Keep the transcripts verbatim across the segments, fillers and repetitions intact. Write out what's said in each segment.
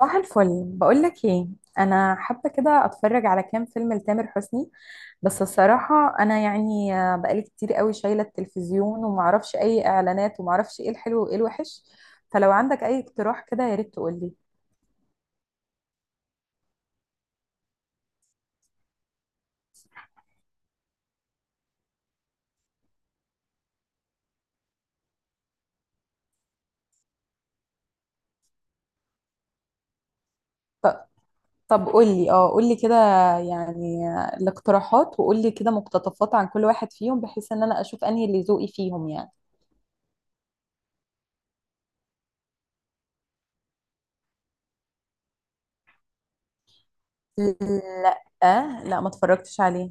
صباح الفل. بقول لك ايه، انا حابه كده اتفرج على كام فيلم لتامر حسني. بس الصراحه انا يعني آه، بقالي كتير قوي شايله التلفزيون ومعرفش اي اعلانات ومعرفش ايه الحلو وايه الوحش. فلو عندك اي اقتراح كده يا ريت تقول لي. ط- طب قول لي اه قول لي كده. يعني آه، الاقتراحات، وقول لي كده مقتطفات عن كل واحد فيهم بحيث ان انا اشوف انهي اللي ذوقي فيهم يعني. لا لا، ما اتفرجتش عليه.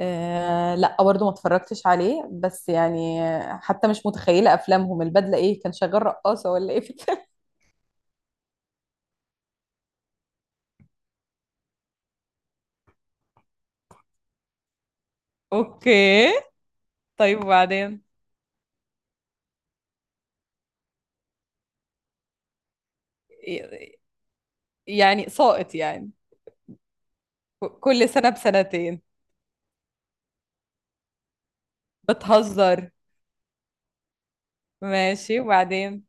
آه لا، برضه ما اتفرجتش عليه بس يعني. حتى مش متخيلة أفلامهم، البدلة إيه؟ كان شغال رقاصة ولا إيه في الفيلم؟ اوكي. طيب وبعدين؟ ي- يعني ساقط يعني؟ ك- كل سنة بسنتين. بتهزر. ماشي وبعدين؟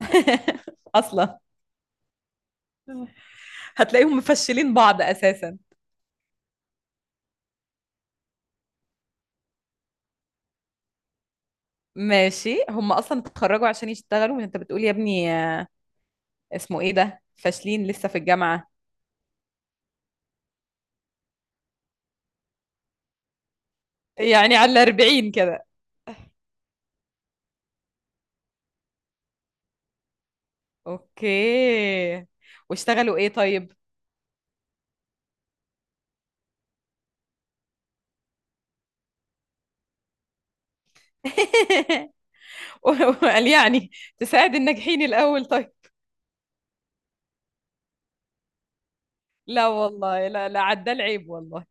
اصلا، هتلاقيهم مفشلين بعض اساسا. ماشي، هم اصلا اتخرجوا عشان يشتغلوا، وانت بتقول يا ابني آه، اسمه ايه ده، فاشلين لسه في الجامعة؟ يعني على اربعين كده. اوكي. واشتغلوا ايه طيب؟ وقال يعني تساعد الناجحين الاول، طيب. لا والله، لا لا، عدى العيب والله.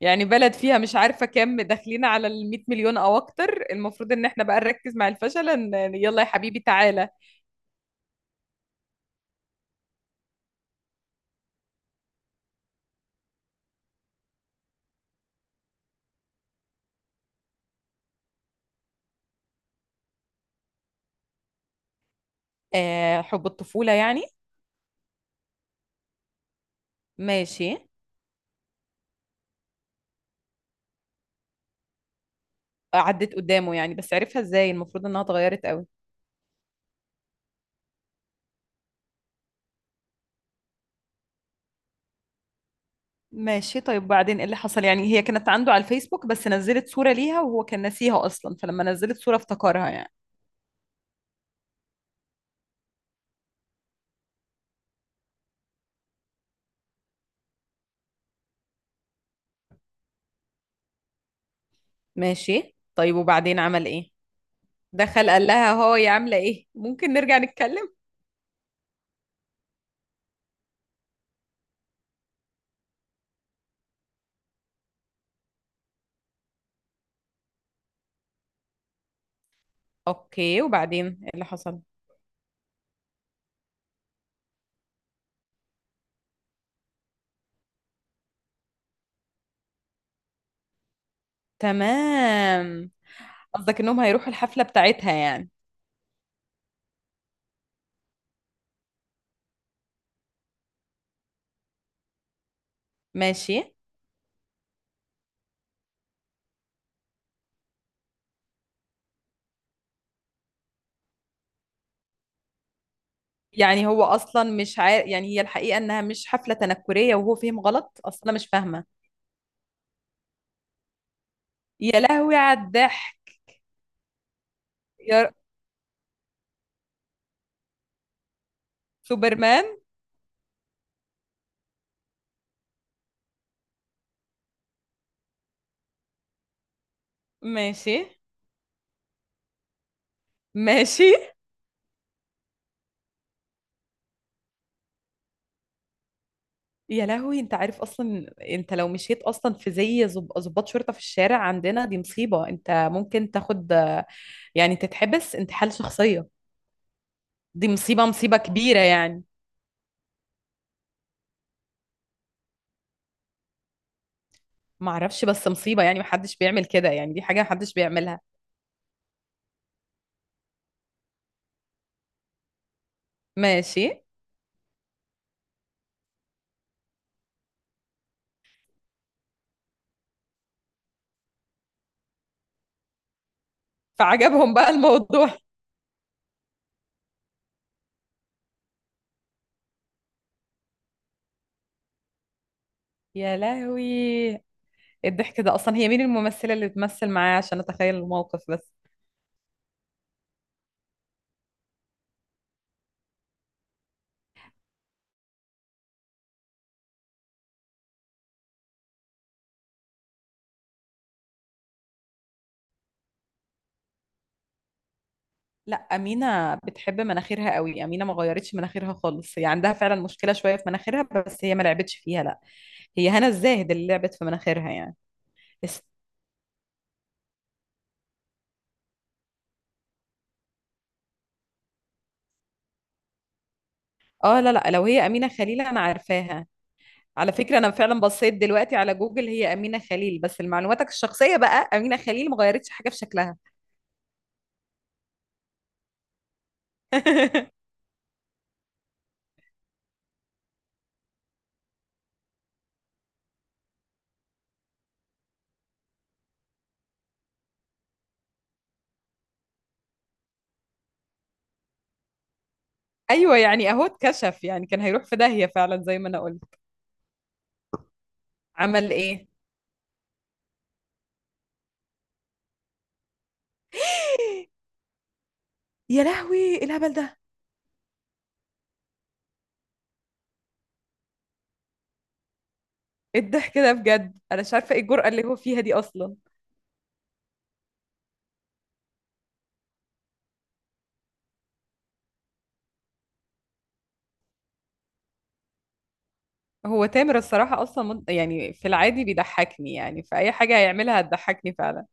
يعني بلد فيها مش عارفه كام، داخلين على ال مية مليون او اكتر، المفروض ان احنا بقى نركز مع الفشل ان يلا يا حبيبي تعالى. آه، حب الطفوله يعني. ماشي. عدت قدامه يعني؟ بس عرفها ازاي؟ المفروض انها اتغيرت قوي. ماشي. طيب بعدين ايه اللي حصل؟ يعني هي كانت عنده على الفيسبوك؟ بس نزلت صورة ليها وهو كان ناسيها اصلا، فلما نزلت صورة افتكرها يعني. ماشي. طيب وبعدين عمل ايه؟ دخل قال لها هو يا عامله ايه، ممكن نرجع نتكلم؟ اوكي. وبعدين ايه اللي حصل؟ تمام. قصدك انهم هيروحوا الحفله بتاعتها يعني؟ ماشي. يعني هو اصلا مش عارف يعني، هي الحقيقه انها مش حفله تنكريه وهو فهم غلط اصلا مش فاهمه. يا لهوي على الضحك. يا سوبرمان. ماشي، ماشي. يا لهوي، انت عارف اصلا. انت لو مشيت اصلا في زي ظب- ظباط شرطة في الشارع عندنا دي مصيبة، انت ممكن تاخد آه، يعني تتحبس، انتحال شخصية. دي مصيبة، مصيبة كبيرة يعني. معرفش، بس مصيبة يعني، محدش بيعمل كده يعني، دي حاجة محدش بيعملها. ماشي. فعجبهم بقى الموضوع. يا لهوي، الضحك ده اصلا. هي مين الممثلة اللي بتمثل معاه عشان اتخيل الموقف بس؟ لا، أمينة بتحب مناخيرها قوي. أمينة ما غيرتش مناخيرها خالص، هي عندها فعلا مشكلة شوية في مناخيرها بس هي ما لعبتش فيها، لا. هي هنا الزاهد اللي لعبت في مناخيرها يعني. بس اه، لا لا، لو هي أمينة خليل أنا عارفاها. على فكرة، أنا فعلا بصيت دلوقتي على جوجل، هي أمينة خليل، بس لمعلوماتك الشخصية بقى، أمينة خليل ما غيرتش حاجة في شكلها. أيوة يعني، أهو اتكشف يعني، كان هيروح في داهية فعلا زي ما أنا قلت. عمل إيه؟ يا لهوي، إيه الهبل ده. إيه الضحك ده بجد، أنا مش عارفة إيه الجرأة اللي هو فيها دي أصلا. هو تامر الصراحة أصلا مد... يعني في العادي بيضحكني يعني، فأي حاجة هيعملها هتضحكني فعلا.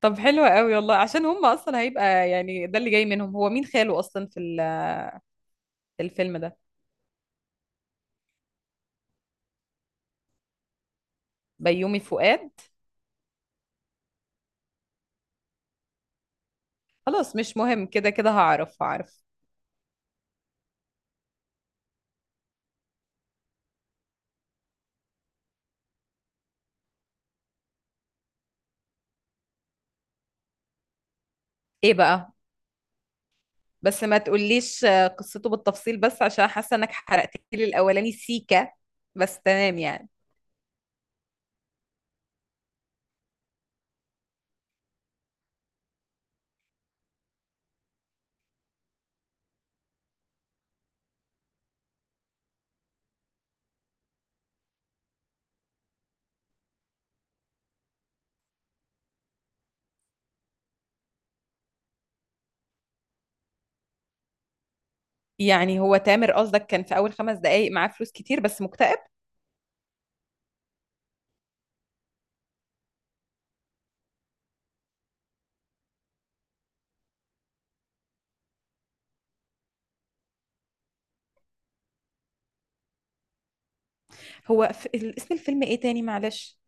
طب حلو قوي والله، عشان هم أصلا هيبقى يعني ده اللي جاي منهم. هو مين خاله أصلا في ال- في الفيلم ده؟ بيومي فؤاد؟ خلاص مش مهم، كده كده هعرف هعرف. إيه بقى؟ بس ما تقوليش آه، قصته بالتفصيل، بس عشان حاسة إنك حرقت لي الأولاني سيكا، بس تمام يعني. يعني هو تامر قصدك، كان في أول خمس دقايق معاه فلوس كتير بس مكتئب؟ هو في... اسم الفيلم إيه تاني معلش؟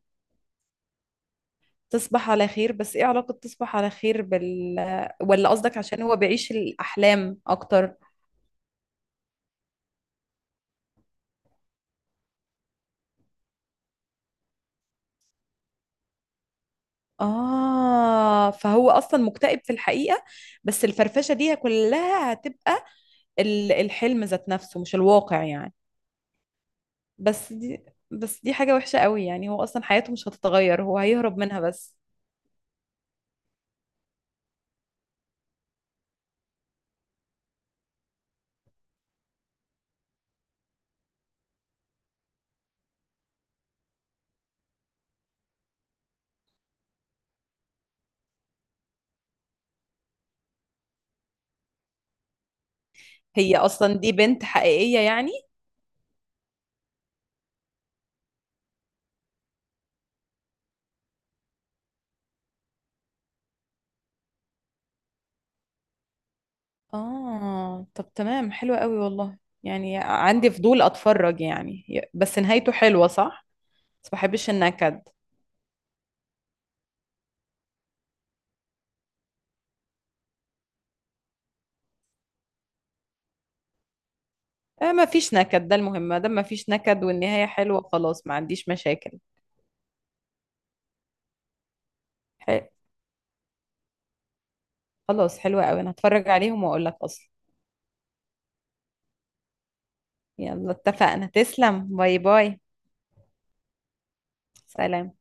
تصبح على خير. بس ايه علاقة تصبح على خير بال ولا قصدك عشان هو بيعيش الأحلام أكتر؟ آه، فهو أصلا مكتئب في الحقيقة، بس الفرفشة دي كلها هتبقى ال- الحلم ذات نفسه مش الواقع يعني. بس دي بس دي حاجة وحشة قوي يعني، هو أصلا حياته مش هتتغير، هو هيهرب منها بس. هي أصلا دي بنت حقيقية يعني؟ آه طب تمام، حلوة قوي والله، يعني عندي فضول أتفرج يعني. بس نهايته حلوة صح؟ بس ما بحبش النكد. آه ما فيش نكد، ده المهم، ما دام ما فيش نكد والنهاية حلوة خلاص ما عنديش مشاكل. حلو. خلاص حلوة قوي، انا هتفرج عليهم واقول لك اصلا. يلا اتفقنا، تسلم. باي باي. سلام.